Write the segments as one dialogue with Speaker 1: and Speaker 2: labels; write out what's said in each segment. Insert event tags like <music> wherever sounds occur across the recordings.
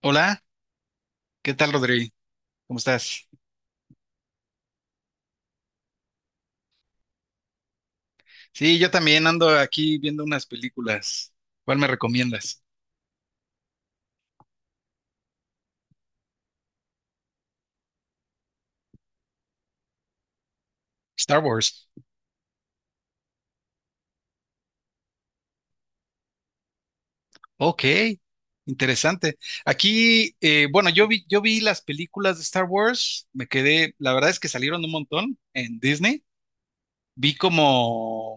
Speaker 1: Hola, ¿qué tal, Rodri? ¿Cómo estás? Sí, yo también ando aquí viendo unas películas. ¿Cuál me recomiendas? Star Wars. Ok, interesante. Aquí, bueno, yo vi las películas de Star Wars, me quedé, la verdad es que salieron un montón en Disney. Vi como,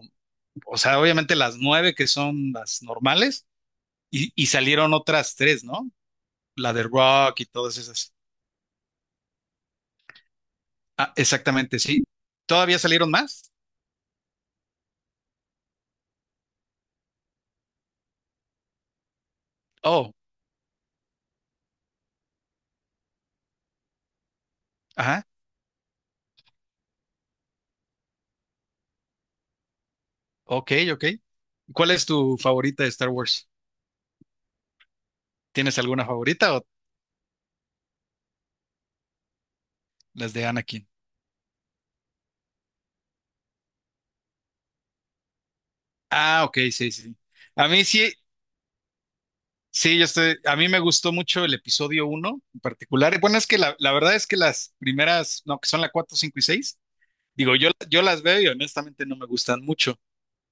Speaker 1: o sea, obviamente las nueve que son las normales y salieron otras tres, ¿no? La de Rock y todas esas. Ah, exactamente, sí. ¿Todavía salieron más? Oh, ajá, ok, ok. ¿Cuál es tu favorita de Star Wars? ¿Tienes alguna favorita o las de Anakin? Ah, ok, sí, sí, sí. A mí sí, sí, yo estoy, a mí me gustó mucho el episodio uno en particular. Bueno, es que la verdad es que las primeras, no, que son la 4, 5 y 6, digo, yo las veo y honestamente no me gustan mucho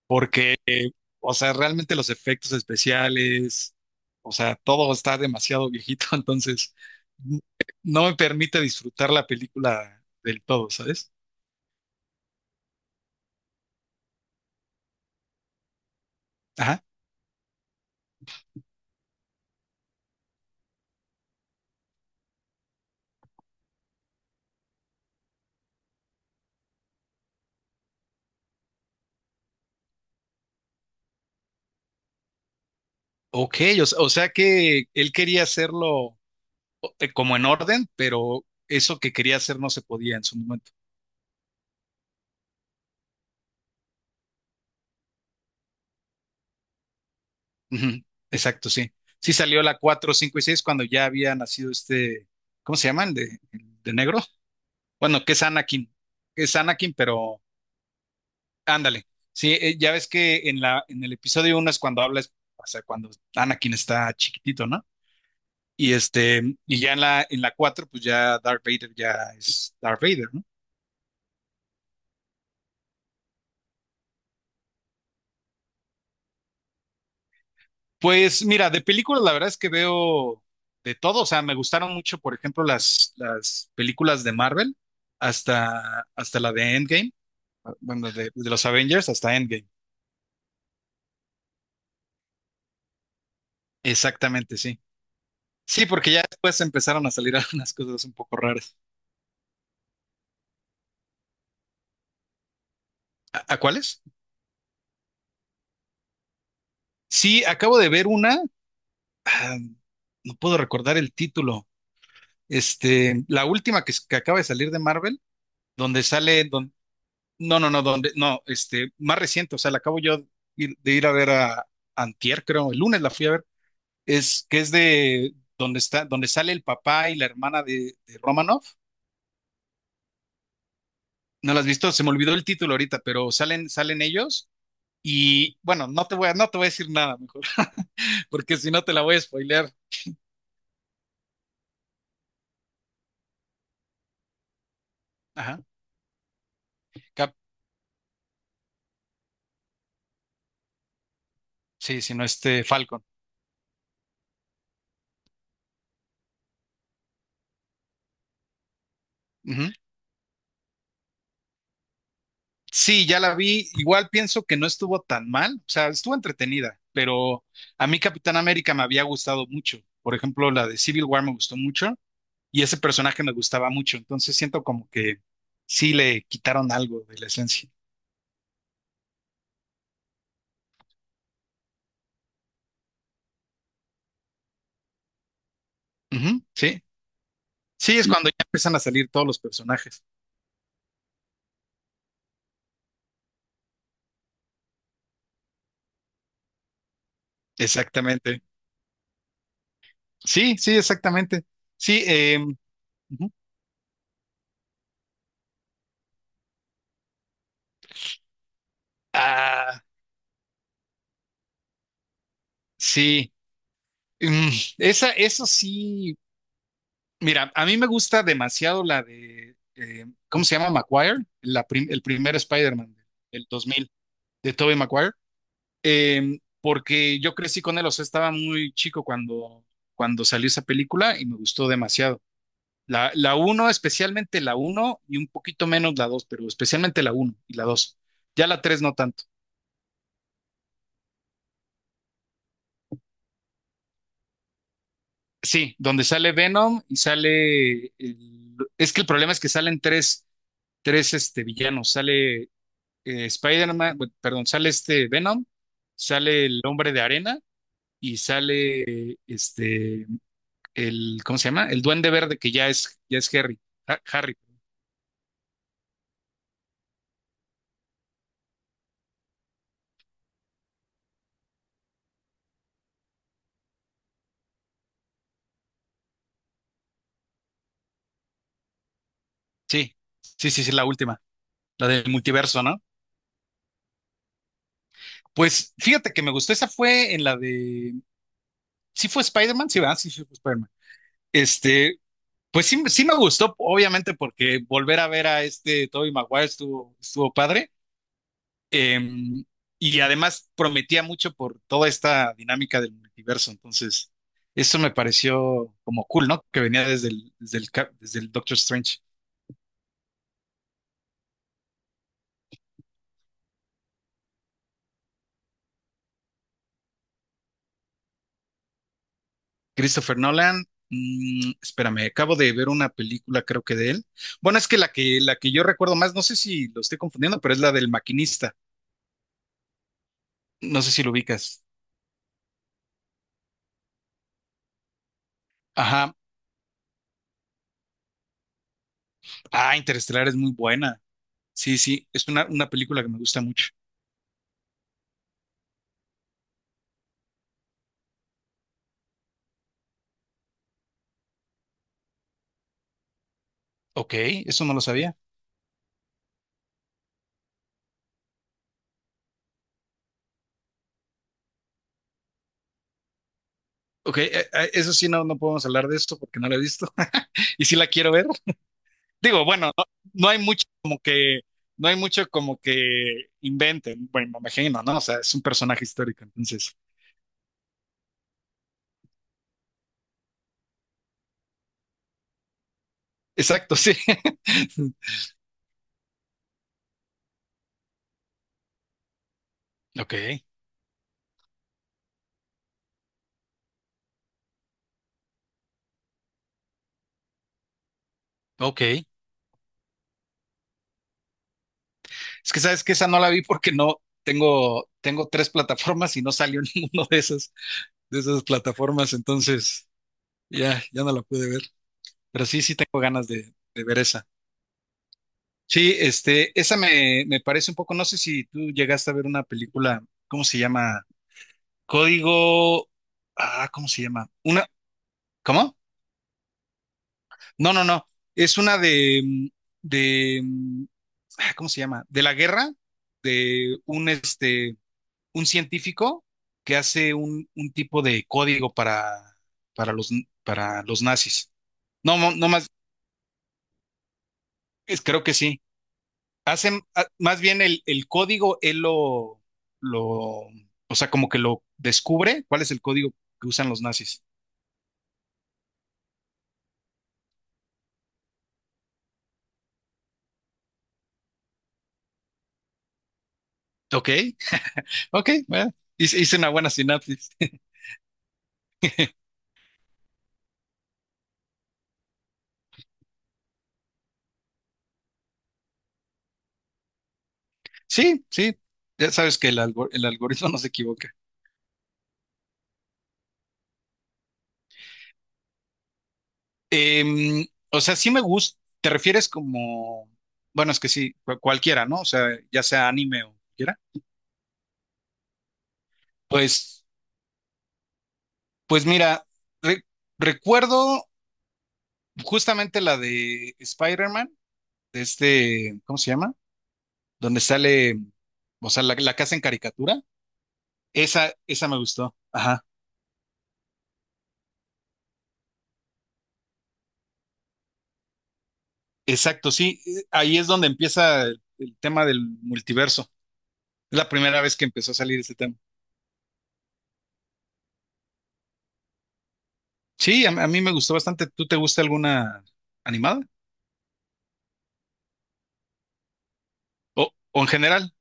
Speaker 1: porque, o sea, realmente los efectos especiales, o sea, todo está demasiado viejito, <laughs> entonces n- no me permite disfrutar la película del todo, ¿sabes? Ajá. Ok, o sea que él quería hacerlo como en orden, pero eso que quería hacer no se podía en su momento. Ujú, exacto, sí. Sí salió la 4, 5 y 6 cuando ya había nacido este, ¿cómo se llaman? De negro. Bueno, que es Anakin. Es Anakin, pero ándale. Sí, ya ves que en la, en el episodio uno es cuando hablas, o sea, cuando Anakin está chiquitito, ¿no? Y este, y ya en la 4 pues ya Darth Vader ya es Darth Vader, ¿no? Pues mira, de películas la verdad es que veo de todo, o sea, me gustaron mucho, por ejemplo, las películas de Marvel, hasta, hasta la de Endgame, bueno, de los Avengers hasta Endgame. Exactamente, sí. Sí, porque ya después empezaron a salir <laughs> algunas cosas un poco raras. A cuáles? Sí, acabo de ver una, ah, no puedo recordar el título, este, la última que, que acaba de salir de Marvel, donde sale, no, no, no, donde, no, este, más reciente, o sea, la acabo yo de ir a ver a Antier, creo, el lunes la fui a ver, es que es de donde está, donde sale el papá y la hermana de Romanoff. ¿No la has visto? Se me olvidó el título ahorita, pero salen, salen ellos y bueno, no te voy a decir nada mejor, <laughs> porque si no te la voy a spoilear. Ajá. Cap- sí, si no este Falcon. Sí, ya la vi. Igual pienso que no estuvo tan mal, o sea, estuvo entretenida, pero a mí Capitán América me había gustado mucho. Por ejemplo, la de Civil War me gustó mucho y ese personaje me gustaba mucho. Entonces siento como que sí le quitaron algo de la esencia. Ujú, sí, sí, es cuando ya empiezan a salir todos los personajes. Exactamente. Sí, sí, exactamente. Sí, ujú. Ah, sí. Mm, esa, eso sí. Mira, a mí me gusta demasiado la de, ¿cómo se llama? Maguire, el primer Spider-Man del 2000, de Tobey Maguire, porque yo crecí con él, o sea, estaba muy chico cuando, cuando salió esa película y me gustó demasiado. La uno, especialmente la uno y un poquito menos la 2, pero especialmente la uno y la 2. Ya la 3 no tanto. Sí, donde sale Venom y sale... es que el problema es que salen tres, tres este, villanos. Sale Spider-Man, perdón, sale este Venom, sale el Hombre de Arena y sale este el ¿cómo se llama? El Duende Verde que ya es Harry. Harry. Sí. Sí, sí, sí, la última, la del multiverso, ¿no? Pues fíjate que me gustó esa fue en la de sí fue Spider-Man, sí, va, sí, sí fue Spider-Man. Este, pues sí, sí me gustó, obviamente, porque volver a ver a este Tobey Maguire estuvo, estuvo padre. Em, y además prometía mucho por toda esta dinámica del multiverso. Entonces, eso me pareció como cool, ¿no? Que venía desde el, desde el, desde el Doctor Strange. Christopher Nolan, espérame, acabo de ver una película, creo que de él. Bueno, es que la que, la que yo recuerdo más, no sé si lo estoy confundiendo, pero es la del maquinista. No sé si lo ubicas. Ajá. Ah, Interestelar es muy buena. Sí, sí, es una película que me gusta mucho. Ok, eso no lo sabía. Ok, eso sí, no, no podemos hablar de esto porque no lo he visto <laughs> y sí la quiero ver. Digo, bueno, no, no hay mucho como que, no hay mucho como que inventen, bueno, me imagino, ¿no? O sea, es un personaje histórico, entonces. Exacto, sí. <laughs> Ok, ok. Es que sabes que esa no la vi porque no tengo, tengo tres plataformas y no salió <laughs> ninguno de esas plataformas, entonces ya, ya no la pude ver. Pero sí, sí tengo ganas de ver esa. Sí, este, esa me, me parece un poco, no sé si tú llegaste a ver una película, ¿cómo se llama? Código, ah, ¿cómo se llama? Una, ¿cómo? No, no, no, es una de, de, ah, ¿cómo se llama? De la guerra, de un, este, un científico que hace un tipo de código para los, para los nazis. No, no, no más, creo que sí. Hacen, más bien el código, lo, o sea, como que lo descubre, cuál es el código que usan los nazis. Ok, ok, bueno, hice una buena sinapsis. <laughs> Sí, sí, ya sabes que el, el algoritmo <laughs> no se equivoca. Em, o sea, sí me gusta, te refieres como, bueno, es que sí, cualquiera, ¿no? O sea, ya sea anime o cualquiera. Pues, pues mira, re- recuerdo justamente la de Spider-Man, de este, ¿cómo se llama? Donde sale, o sea, la casa en caricatura. Esa me gustó. Ajá. Exacto, sí. Ahí es donde empieza el tema del multiverso. Es la primera vez que empezó a salir ese tema. Sí, a mí me gustó bastante. ¿Tú te gusta alguna animada? O, o en general.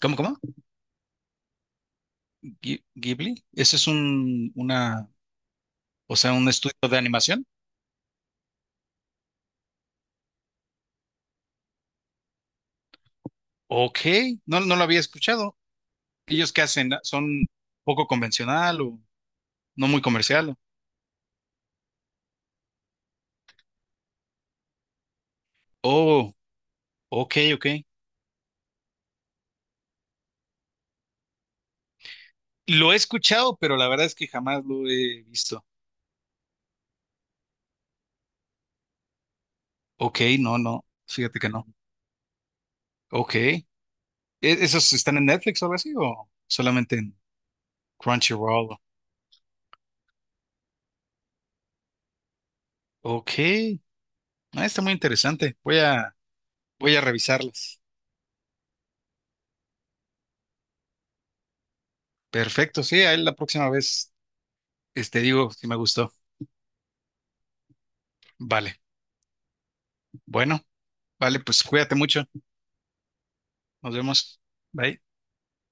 Speaker 1: ¿Cómo, cómo? Ghi- Ghibli. Ese es un, una, o sea, un estudio de animación. Ok, no, no lo había escuchado. ¿Ellos qué hacen? ¿Son poco convencional o no muy comercial? Oh, ok, ok. Lo he escuchado, pero la verdad es que jamás lo he visto. Ok, no, no, fíjate que no. Ok. ¿E- ¿Esos están en Netflix o algo así o solamente en Crunchyroll? Ok. Ah, está muy interesante. Voy a, voy a revisarlas. Perfecto, sí, ahí la próxima vez este, digo si me gustó. Vale, bueno, vale, pues cuídate mucho. Nos vemos. Bye.